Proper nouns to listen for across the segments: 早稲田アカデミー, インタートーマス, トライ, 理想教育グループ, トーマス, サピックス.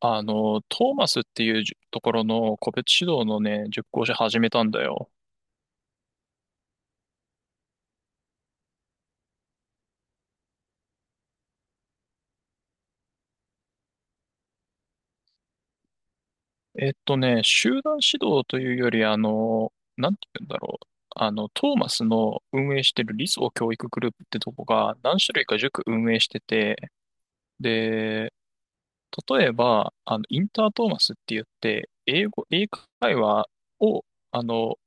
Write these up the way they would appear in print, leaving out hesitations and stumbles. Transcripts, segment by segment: トーマスっていうじところの個別指導の塾講師始めたんだよ。集団指導というより、なんて言うんだろう。トーマスの運営してる理想教育グループってとこが何種類か塾運営してて、で、例えば、インタートーマスって言って、英会話を、あの、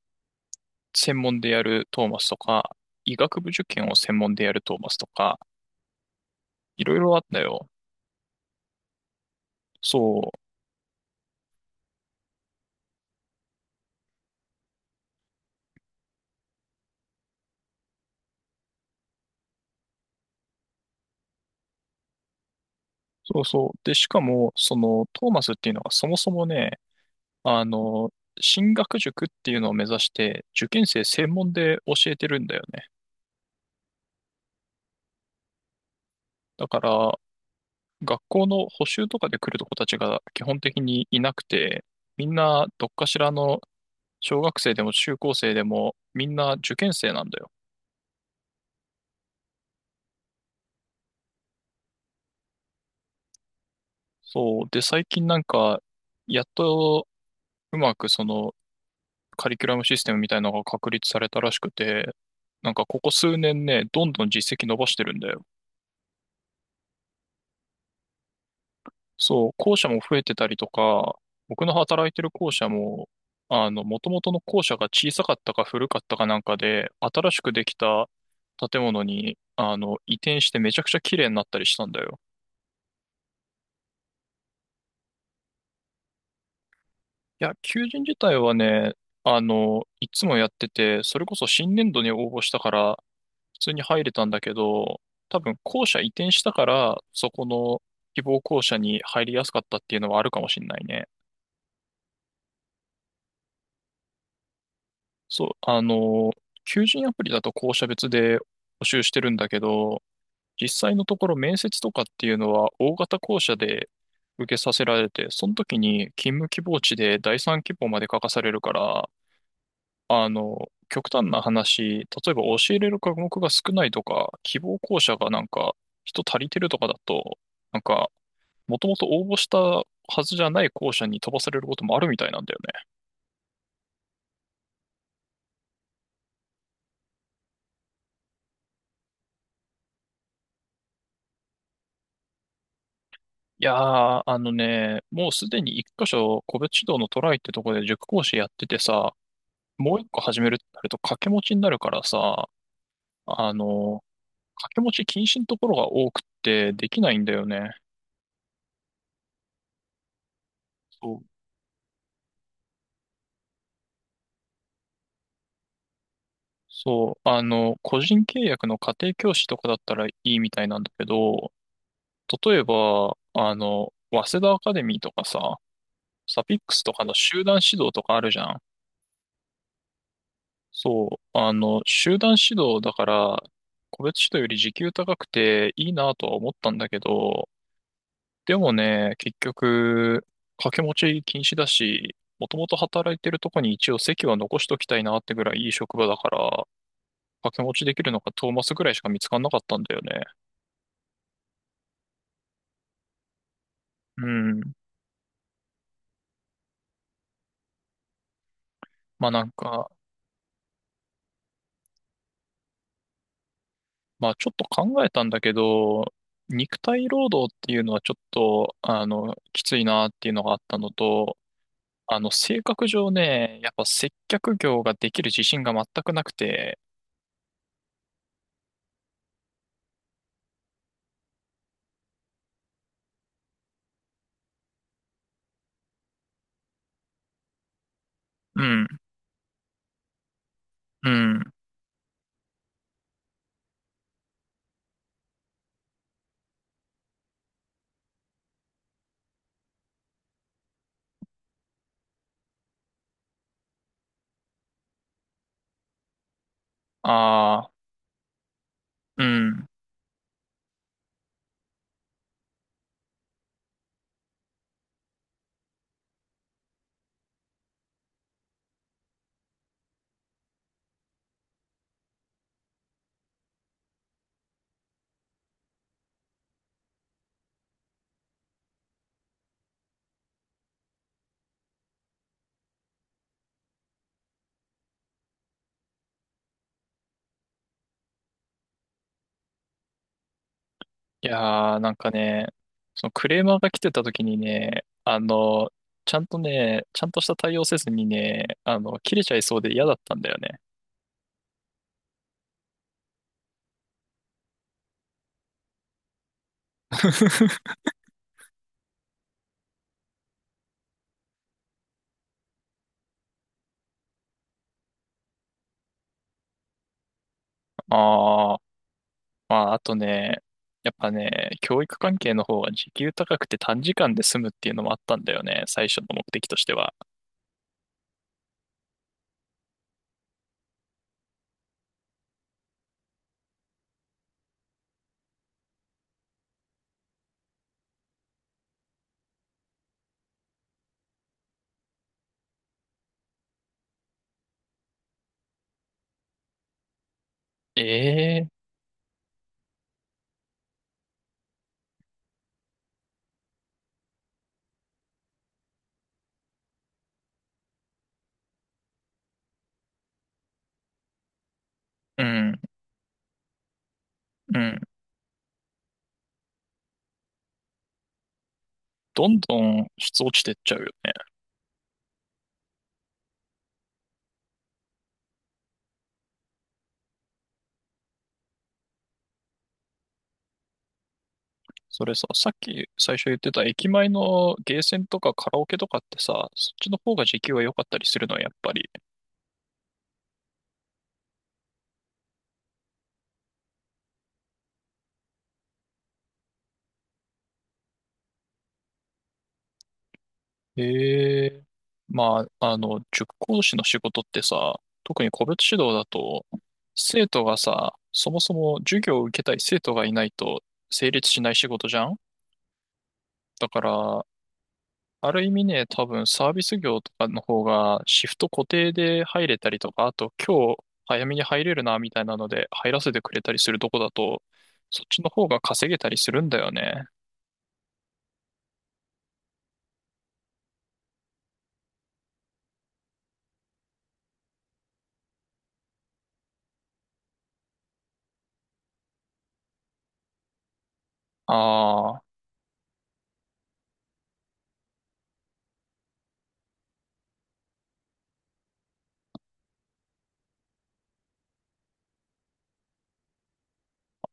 専門でやるトーマスとか、医学部受験を専門でやるトーマスとか、いろいろあったよ。そう。そうそう。で、しかも、その、トーマスっていうのはそもそもね、あの、進学塾っていうのを目指して、受験生専門で教えてるんだよね。だから、学校の補習とかで来る子たちが基本的にいなくて、みんなどっかしらの小学生でも中高生でもみんな受験生なんだよ。そう。で、最近なんか、やっとうまくそのカリキュラムシステムみたいなのが確立されたらしくて、なんかここ数年ね、どんどん実績伸ばしてるんだよ。そう、校舎も増えてたりとか、僕の働いてる校舎も、元々の校舎が小さかったか古かったかなんかで、新しくできた建物に、移転してめちゃくちゃ綺麗になったりしたんだよ。いや、求人自体はね、いつもやってて、それこそ新年度に応募したから、普通に入れたんだけど、多分校舎移転したから、そこの希望校舎に入りやすかったっていうのはあるかもしんないね。そう、求人アプリだと校舎別で募集してるんだけど、実際のところ面接とかっていうのは大型校舎で受けさせられて、その時に勤務希望地で第三希望まで書かされるから、極端な話、例えば教えれる科目が少ないとか、希望校舎がなんか人足りてるとかだと、なんか、もともと応募したはずじゃない校舎に飛ばされることもあるみたいなんだよね。いやー、あのね、もうすでに一箇所、個別指導のトライってとこで塾講師やっててさ、もう一個始めるってなると掛け持ちになるからさ、あの、掛け持ち禁止のところが多くってできないんだよね。そう。そう、個人契約の家庭教師とかだったらいいみたいなんだけど、例えば、早稲田アカデミーとかさ、サピックスとかの集団指導とかあるじゃん。そう、集団指導だから、個別指導より時給高くていいなとは思ったんだけど、でもね、結局、掛け持ち禁止だし、もともと働いてるとこに一応席は残しときたいなってぐらいいい職場だから、掛け持ちできるのがトーマスぐらいしか見つかんなかったんだよね。うん。まあなんか、まあちょっと考えたんだけど、肉体労働っていうのはちょっと、きついなっていうのがあったのと、性格上ね、やっぱ接客業ができる自信が全くなくて、うん、うん、ああ、うん。いやー、なんかね、そのクレーマーが来てた時にね、ちゃんとね、ちゃんとした対応せずにね、切れちゃいそうで嫌だったんだよね。ああ、まあ、あとね、やっぱね、教育関係の方は時給高くて短時間で済むっていうのもあったんだよね、最初の目的としては。ええうん、うん。どんどん質落ちてっちゃうよね。それさ、さっき最初言ってた駅前のゲーセンとかカラオケとかってさ、そっちの方が時給は良かったりするのはやっぱり。へえ。まあ、塾講師の仕事ってさ、特に個別指導だと、生徒がさ、そもそも授業を受けたい生徒がいないと成立しない仕事じゃん。だから、ある意味ね、多分サービス業とかの方がシフト固定で入れたりとか、あと今日早めに入れるなみたいなので入らせてくれたりするとこだと、そっちの方が稼げたりするんだよね。ああ、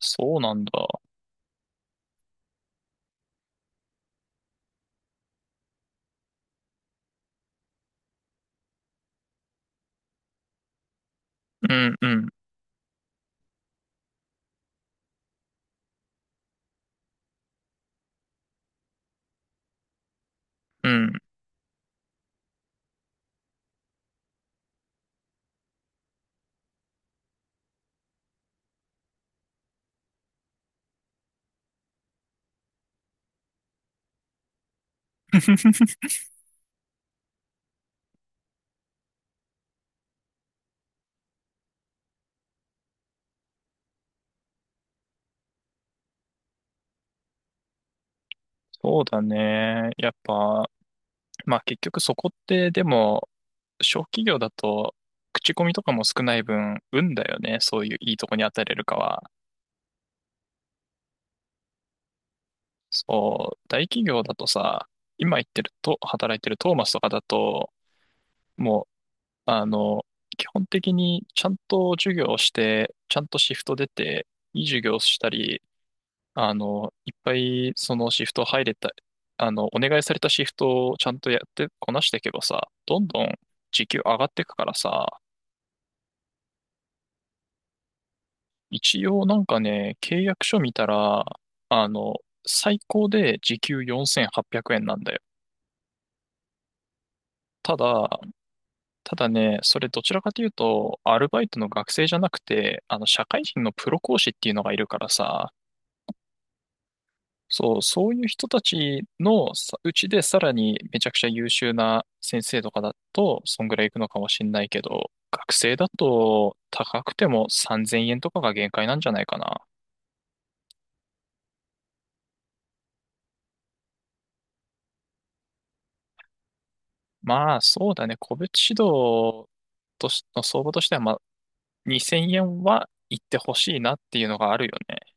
そうなんだ。うんうん、うん。そうだね。やっぱ、まあ結局そこってでも、小企業だと口コミとかも少ない分、運だよね。そういういいとこに当たれるかは。そう、大企業だとさ、今言ってると、働いてるトーマスとかだと、もう、あの、基本的にちゃんと授業をして、ちゃんとシフト出て、いい授業をしたり、いっぱいそのシフト入れた、お願いされたシフトをちゃんとやってこなしていけばさ、どんどん時給上がっていくからさ、一応なんかね、契約書見たら、あの、最高で時給4800円なんだよ。ただ、それどちらかというと、アルバイトの学生じゃなくて、社会人のプロ講師っていうのがいるからさ、そう、そういう人たちのさうちでさらにめちゃくちゃ優秀な先生とかだと、そんぐらいいくのかもしんないけど、学生だと高くても3000円とかが限界なんじゃないかな。まあ、そうだね、個別指導としの相場としては、まあ、2000円は行ってほしいなっていうのがあるよね。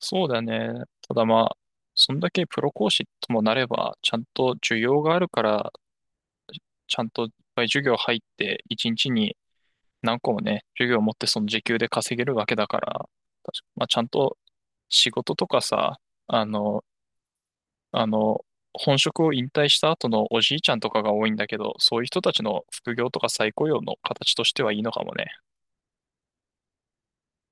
そうだね。ただまあ、そんだけプロ講師ともなれば、ちゃんと需要があるから、ちゃんといっぱい授業入って、一日に何個もね、授業を持ってその時給で稼げるわけだから、確かまあ、ちゃんと仕事とかさ、あの、あの、本職を引退した後のおじいちゃんとかが多いんだけど、そういう人たちの副業とか再雇用の形としてはいいのかもね。